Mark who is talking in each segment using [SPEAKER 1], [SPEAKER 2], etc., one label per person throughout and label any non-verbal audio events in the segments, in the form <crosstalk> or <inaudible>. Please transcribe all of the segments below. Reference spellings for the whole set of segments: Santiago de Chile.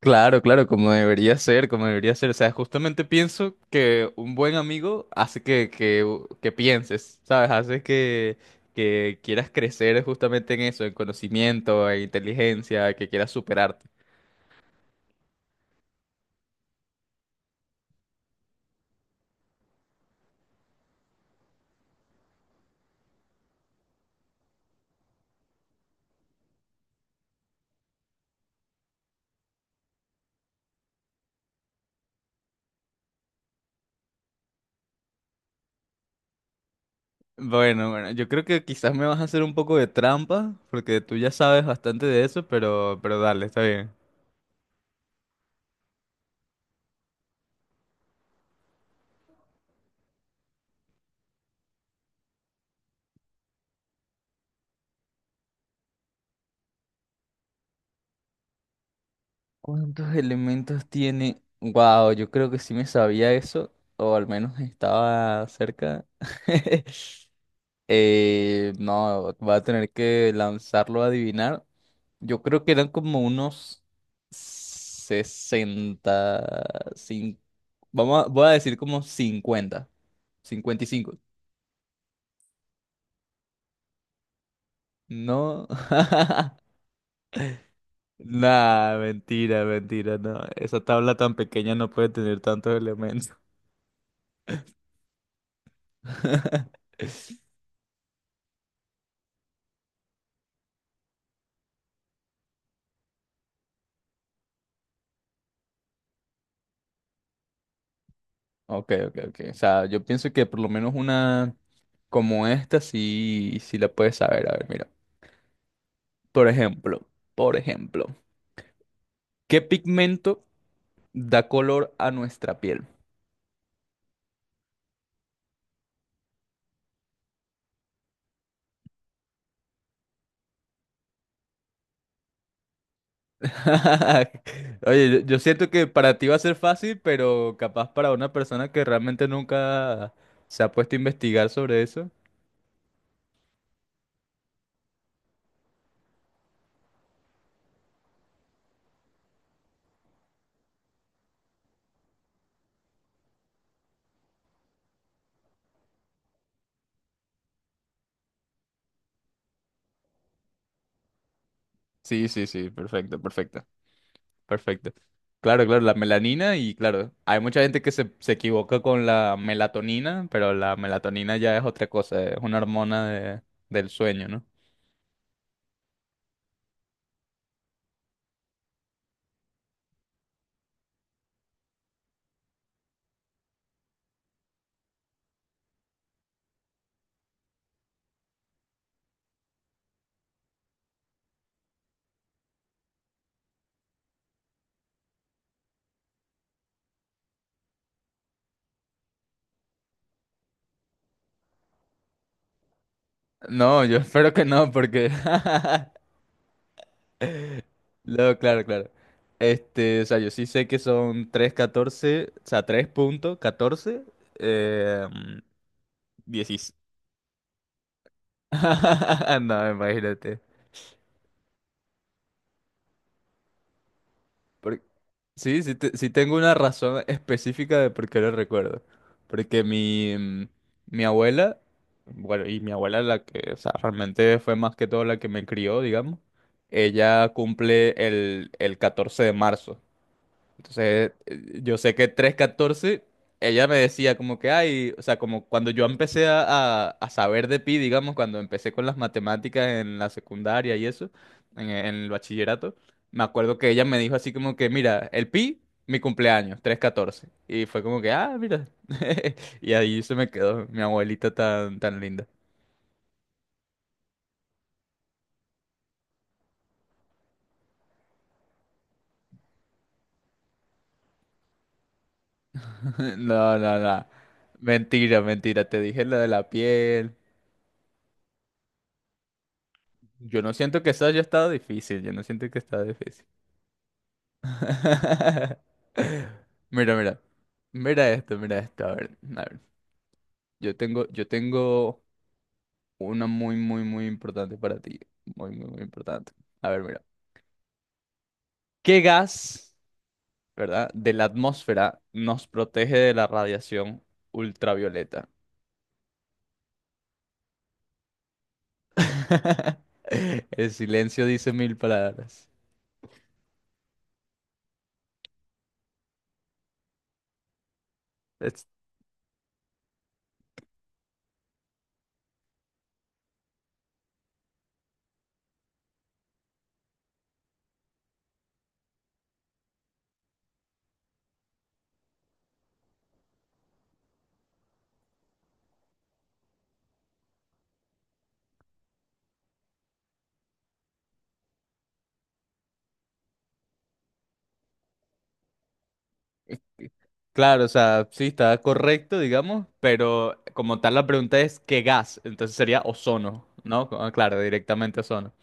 [SPEAKER 1] Claro, claro, como debería ser, como debería ser. O sea, justamente pienso que un buen amigo hace que pienses, ¿sabes? Hace que quieras crecer justamente en eso, en conocimiento, en inteligencia, que quieras superarte. Bueno, bueno, yo creo que quizás me vas a hacer un poco de trampa, porque tú ya sabes bastante de eso, pero dale, está bien. ¿Cuántos elementos tiene? Wow, yo creo que sí me sabía eso, o al menos estaba cerca. <laughs> No, va a tener que lanzarlo a adivinar. Yo creo que eran como unos 60 cin- voy a decir como 55. No, <laughs> nah, mentira, mentira, no. Esa tabla tan pequeña no puede tener tantos elementos. <laughs> Ok, ok, ok. O sea, yo pienso que por lo menos una como esta sí, sí la puedes saber. A ver, mira. Por ejemplo, por ejemplo, ¿qué pigmento da color a nuestra piel? <laughs> Oye, yo, siento que para ti va a ser fácil, pero capaz para una persona que realmente nunca se ha puesto a investigar sobre eso. Sí, sí, sí, perfecto, perfecto, perfecto. Claro, claro, la melanina. Y claro, hay mucha gente que se equivoca con la melatonina, pero la melatonina ya es otra cosa, es una hormona del sueño, ¿no? No, yo <laughs> espero que no, porque <laughs> no, claro, claro. O sea, yo sí sé que son 3,14, o sea, 3,14, eh, 16. <laughs> No, imagínate. Por- sí tengo una razón específica de por qué lo recuerdo. Porque mi abuela, bueno, y mi abuela la que, o sea, realmente fue más que todo la que me crió, digamos. Ella cumple el 14 de marzo. Entonces, yo sé que 3,14 ella me decía como que, ay, o sea, como cuando yo empecé a saber de pi, digamos, cuando empecé con las matemáticas en la secundaria y eso, en el bachillerato, me acuerdo que ella me dijo así como que, mira, el pi, mi cumpleaños, 3,14. Y fue como que, ah, mira. <laughs> Y ahí se me quedó mi abuelita tan, tan linda. <laughs> No, no, no. Mentira, mentira. Te dije lo de la piel. Yo no siento que eso haya estado difícil. Yo no siento que estaba difícil. <laughs> Mira, mira. Mira esto, mira esto. A ver, a ver. Yo tengo una muy, muy, muy importante para ti. Muy, muy, muy importante. A ver, mira. ¿Qué gas, verdad, de la atmósfera nos protege de la radiación ultravioleta? <laughs> El silencio dice mil palabras. Claro, o sea, sí, está correcto, digamos, pero como tal la pregunta es ¿qué gas? Entonces sería ozono, ¿no? Ah, claro, directamente ozono.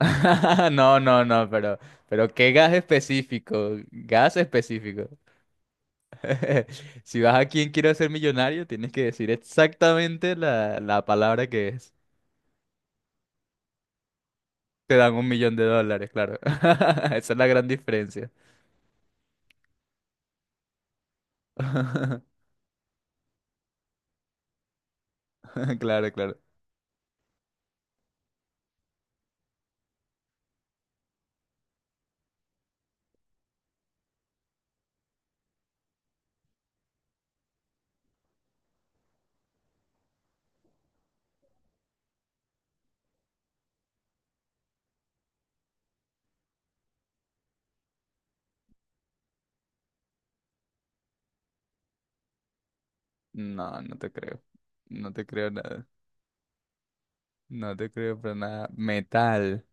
[SPEAKER 1] <laughs> No, no, no, pero ¿qué gas específico? Gas específico. <laughs> Si vas a quien quiero ser millonario, tienes que decir exactamente la palabra que es. Te dan 1 millón de dólares, claro. <laughs> Esa es la gran diferencia. <laughs> Claro, claro. No, no te creo. No te creo nada. No te creo para nada. Metal.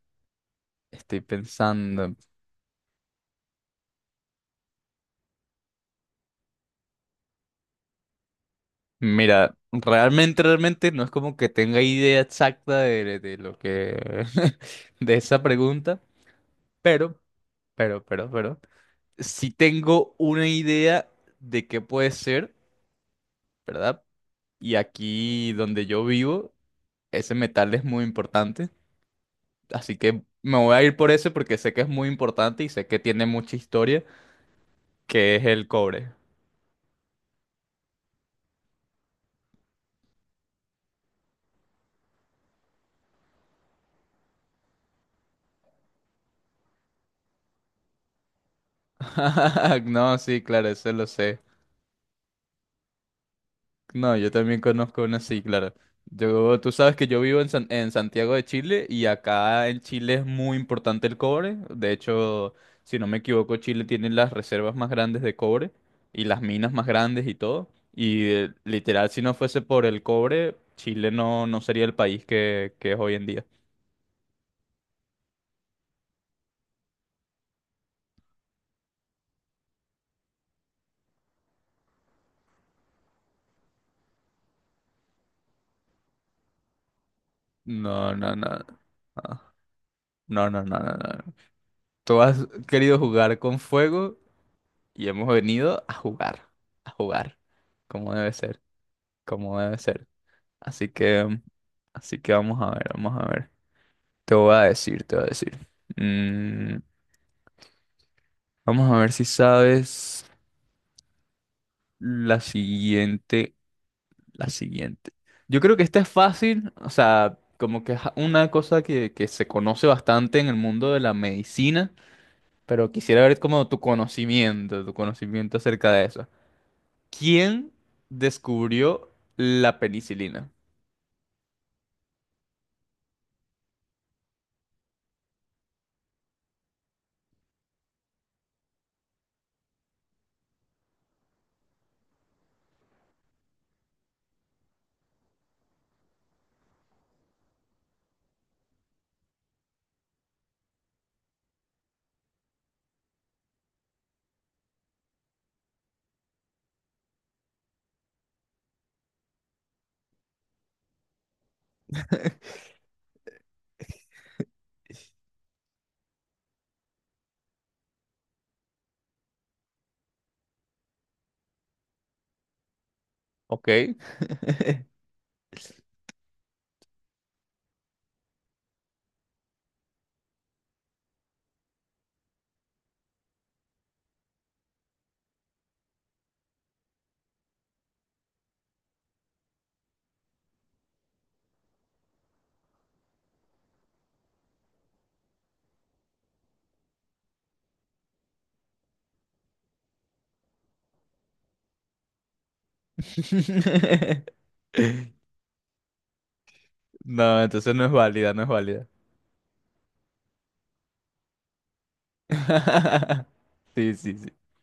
[SPEAKER 1] Estoy pensando. Mira, realmente, realmente no es como que tenga idea exacta de lo que <laughs> de esa pregunta, pero, pero sí tengo una idea de qué puede ser, ¿verdad? Y aquí donde yo vivo, ese metal es muy importante. Así que me voy a ir por ese porque sé que es muy importante y sé que tiene mucha historia, que es el cobre. <laughs> No, sí, claro, eso lo sé. No, yo también conozco una así, claro. Yo, tú sabes que yo vivo en Santiago de Chile, y acá en Chile es muy importante el cobre. De hecho, si no me equivoco, Chile tiene las reservas más grandes de cobre y las minas más grandes y todo. Y literal, si no fuese por el cobre, Chile no, no sería el país que es hoy en día. No, no, no. Ah, no, no, no, no, no. Tú has querido jugar con fuego y hemos venido a jugar, como debe ser. Como debe ser. Así que, así que vamos a ver, vamos a ver. Te voy a decir, te voy a decir. Mm, vamos a ver si sabes la siguiente, la siguiente. Yo creo que esta es fácil, o sea, como que es una cosa que se conoce bastante en el mundo de la medicina, pero quisiera ver como tu conocimiento acerca de eso. ¿Quién descubrió la penicilina? <laughs> ¿Ok? <laughs> <laughs> No, entonces no es válida, no es válida. <laughs> Sí, sí, sí.